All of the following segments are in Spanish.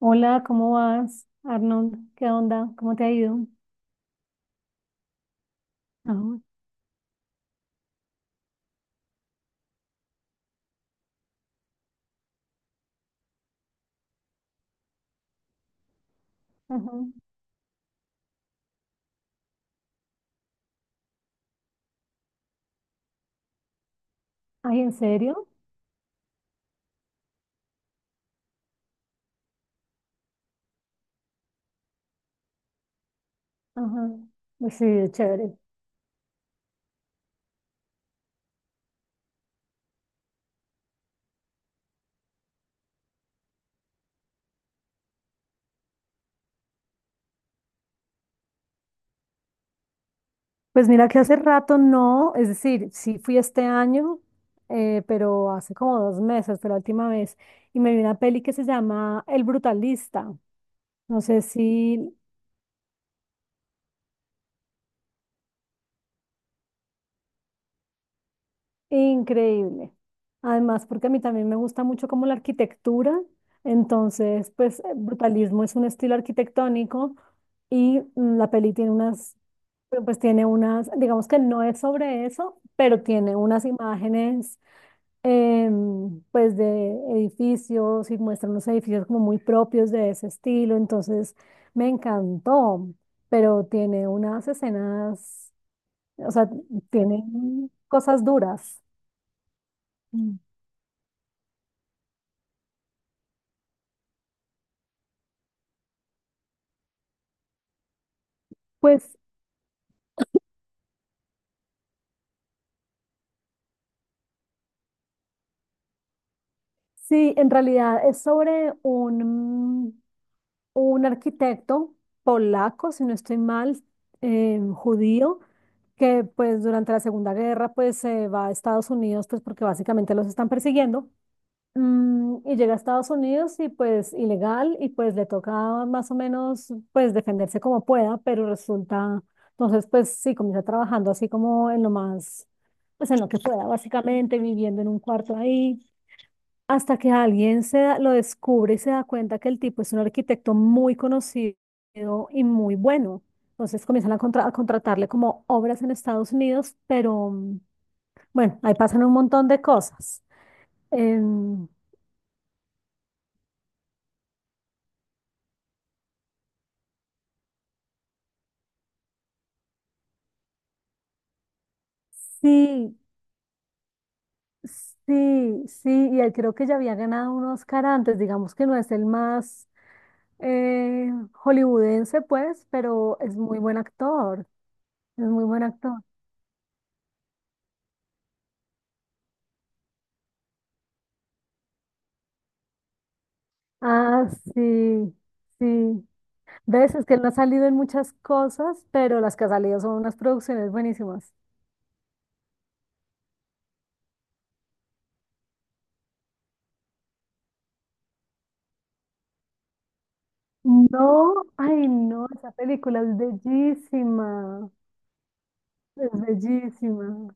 Hola, ¿cómo vas, Arnold? ¿Qué onda? ¿Cómo te ha ido? Ajá, ajá. Ay, ¿en serio? Ajá. Pues sí, chévere. Pues mira que hace rato no, es decir, sí fui este año, pero hace como 2 meses fue la última vez, y me vi una peli que se llama El Brutalista. No sé si Increíble. Además, porque a mí también me gusta mucho como la arquitectura, entonces, pues, brutalismo es un estilo arquitectónico y la peli tiene unas, pues tiene unas, digamos que no es sobre eso, pero tiene unas imágenes, pues, de edificios y muestra unos edificios como muy propios de ese estilo, entonces, me encantó, pero tiene unas escenas, o sea, tiene cosas duras. Pues sí, en realidad es sobre un arquitecto polaco, si no estoy mal, judío, que pues durante la Segunda Guerra pues se va a Estados Unidos pues porque básicamente los están persiguiendo. Y llega a Estados Unidos y pues ilegal y pues le toca más o menos pues defenderse como pueda, pero resulta, entonces pues sí, comienza trabajando así como en lo más, pues en lo que pueda, básicamente viviendo en un cuarto ahí hasta que alguien lo descubre y se da cuenta que el tipo es un arquitecto muy conocido y muy bueno. Entonces comienzan a, a contratarle como obras en Estados Unidos, pero bueno, ahí pasan un montón de cosas. Em, sí, sí, sí, y él creo que ya había ganado un Oscar antes, digamos que no es el más hollywoodense, pues, pero es muy buen actor, es muy buen actor. Ah, sí, sí. ¿Ves? Es que él no ha salido en muchas cosas, pero las que ha salido son unas producciones buenísimas. No, ay no, esa película es bellísima, es bellísima.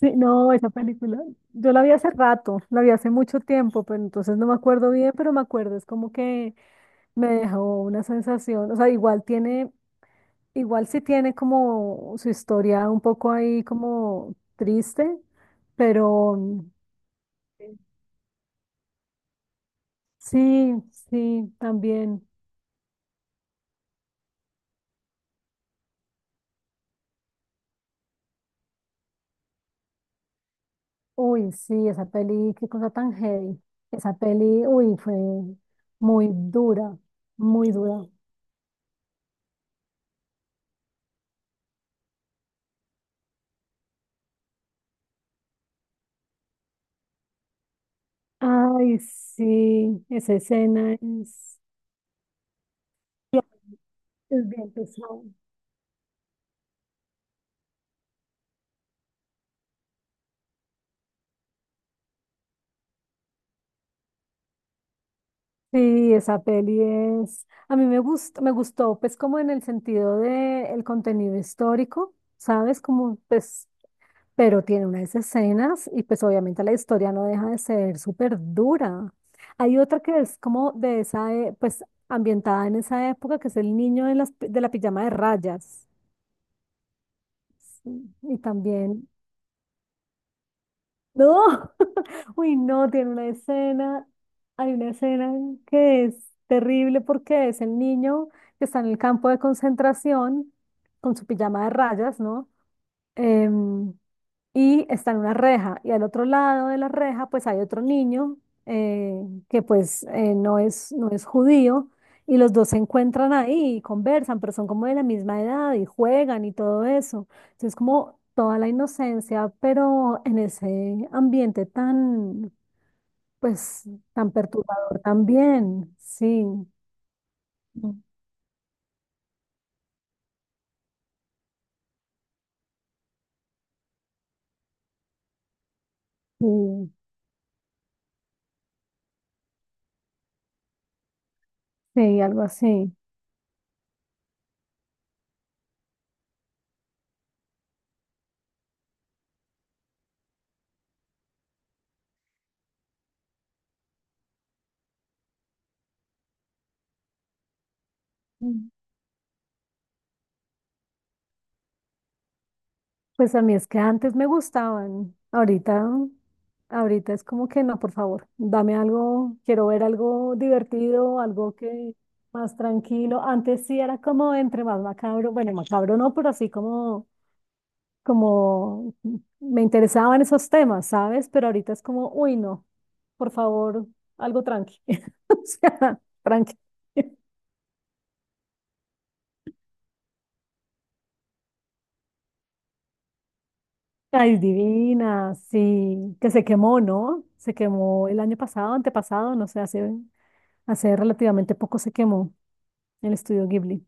Sí, no, esa película, yo la vi hace rato, la vi hace mucho tiempo, pero entonces no me acuerdo bien, pero me acuerdo, es como que me dejó una sensación, o sea, igual tiene, igual sí tiene como su historia un poco ahí como triste, pero, sí, sí, también. Uy, sí, esa peli, qué cosa tan heavy. Esa peli, uy, fue muy dura, muy dura. Ay, sí, esa escena es bien pesada. Sí, esa peli es, a mí me gustó, pues como en el sentido de el contenido histórico, ¿sabes? Como pues pero tiene unas escenas y pues obviamente la historia no deja de ser súper dura. Hay otra que es como de esa, pues ambientada en esa época, que es el niño de, las, de la pijama de rayas. Sí, y también, no, uy, no, tiene una escena, hay una escena que es terrible porque es el niño que está en el campo de concentración con su pijama de rayas, ¿no? Em, y está en una reja. Y al otro lado de la reja, pues hay otro niño eh, que pues no es judío. Y los dos se encuentran ahí y conversan, pero son como de la misma edad y juegan y todo eso. Entonces, como toda la inocencia, pero en ese ambiente tan, pues, tan perturbador también. Sí, sí, sí, algo así. Pues a mí es que antes me gustaban, ahorita, ahorita es como que no, por favor, dame algo, quiero ver algo divertido, algo que más tranquilo. Antes sí era como entre más macabro, bueno, macabro no, pero así como, como me interesaban esos temas, ¿sabes? Pero ahorita es como, uy, no, por favor, algo tranqui. O sea, tranqui. Ay, divina, sí, que se quemó, ¿no? Se quemó el año pasado, antepasado, no sé, Hace relativamente poco se quemó el estudio Ghibli.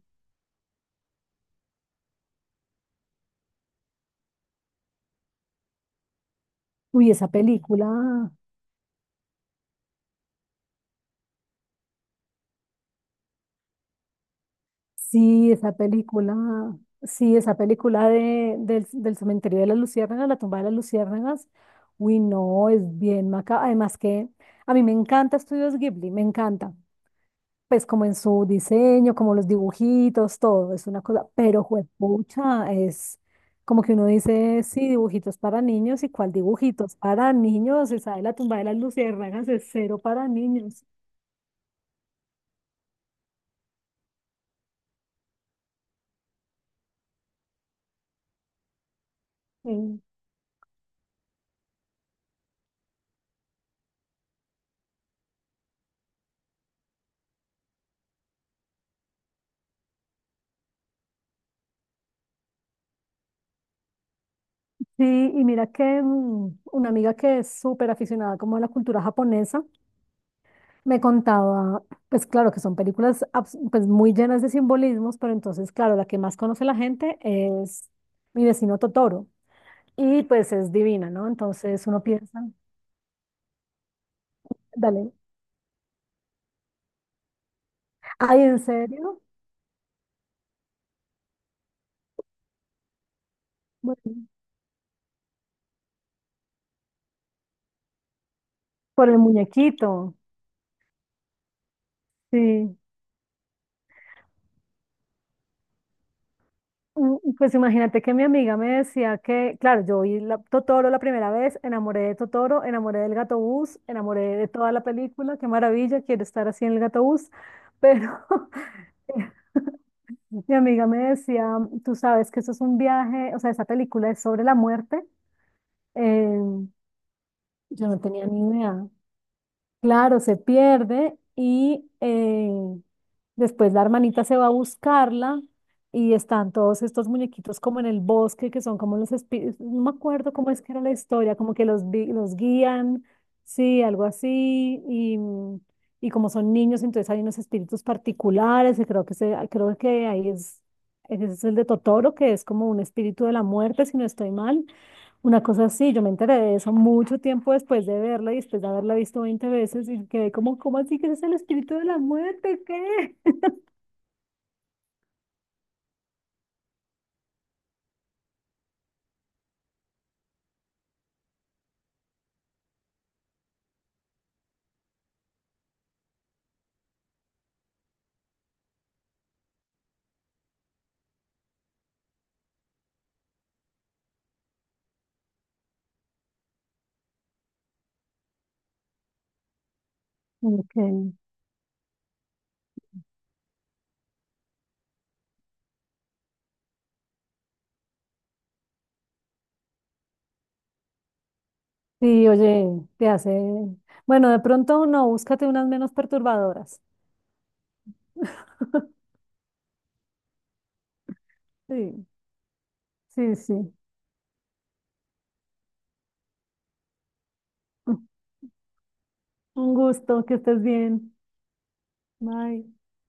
Uy, esa película, sí, esa película, sí, esa película del cementerio de las luciérnagas, la tumba de las luciérnagas. Uy, no, es bien maca. Además que a mí me encanta Estudios Ghibli, me encanta. Pues como en su diseño, como los dibujitos, todo, es una cosa, pero juepucha, es como que uno dice, sí, dibujitos para niños, ¿y cuál dibujitos para niños? Esa de la tumba de las luciérnagas es cero para niños. Mm. Sí, y mira que una amiga que es súper aficionada como a la cultura japonesa, me contaba, pues claro que son películas pues muy llenas de simbolismos, pero entonces, claro, la que más conoce la gente es Mi vecino Totoro. Y pues es divina, ¿no? Entonces uno piensa, dale, ay, ¿en serio? Bueno, por el muñequito, sí. Pues imagínate que mi amiga me decía que, claro, yo vi Totoro la primera vez, enamoré de Totoro, enamoré del gato bus, enamoré de toda la película, qué maravilla, quiero estar así en el gato bus, pero mi amiga me decía, tú sabes que eso es un viaje, o sea, esa película es sobre la muerte, eh, yo no tenía ni idea. Claro, se pierde y después la hermanita se va a buscarla y están todos estos muñequitos como en el bosque que son como los espíritus, no me acuerdo cómo es que era la historia, como que los guían, sí, algo así, y, y como son niños, entonces hay unos espíritus particulares, y creo que, creo que ahí es, ese es el de Totoro, que es como un espíritu de la muerte, si no estoy mal una cosa así, yo me enteré de eso mucho tiempo después de verla y después de haberla visto 20 veces y quedé como, ¿cómo así que ese es el espíritu de la muerte? ¿Qué? Ok. Sí, oye, te hace... Bueno, de pronto no, búscate unas menos perturbadoras. Sí, sí, sí. Un gusto, que estés bien. Bye.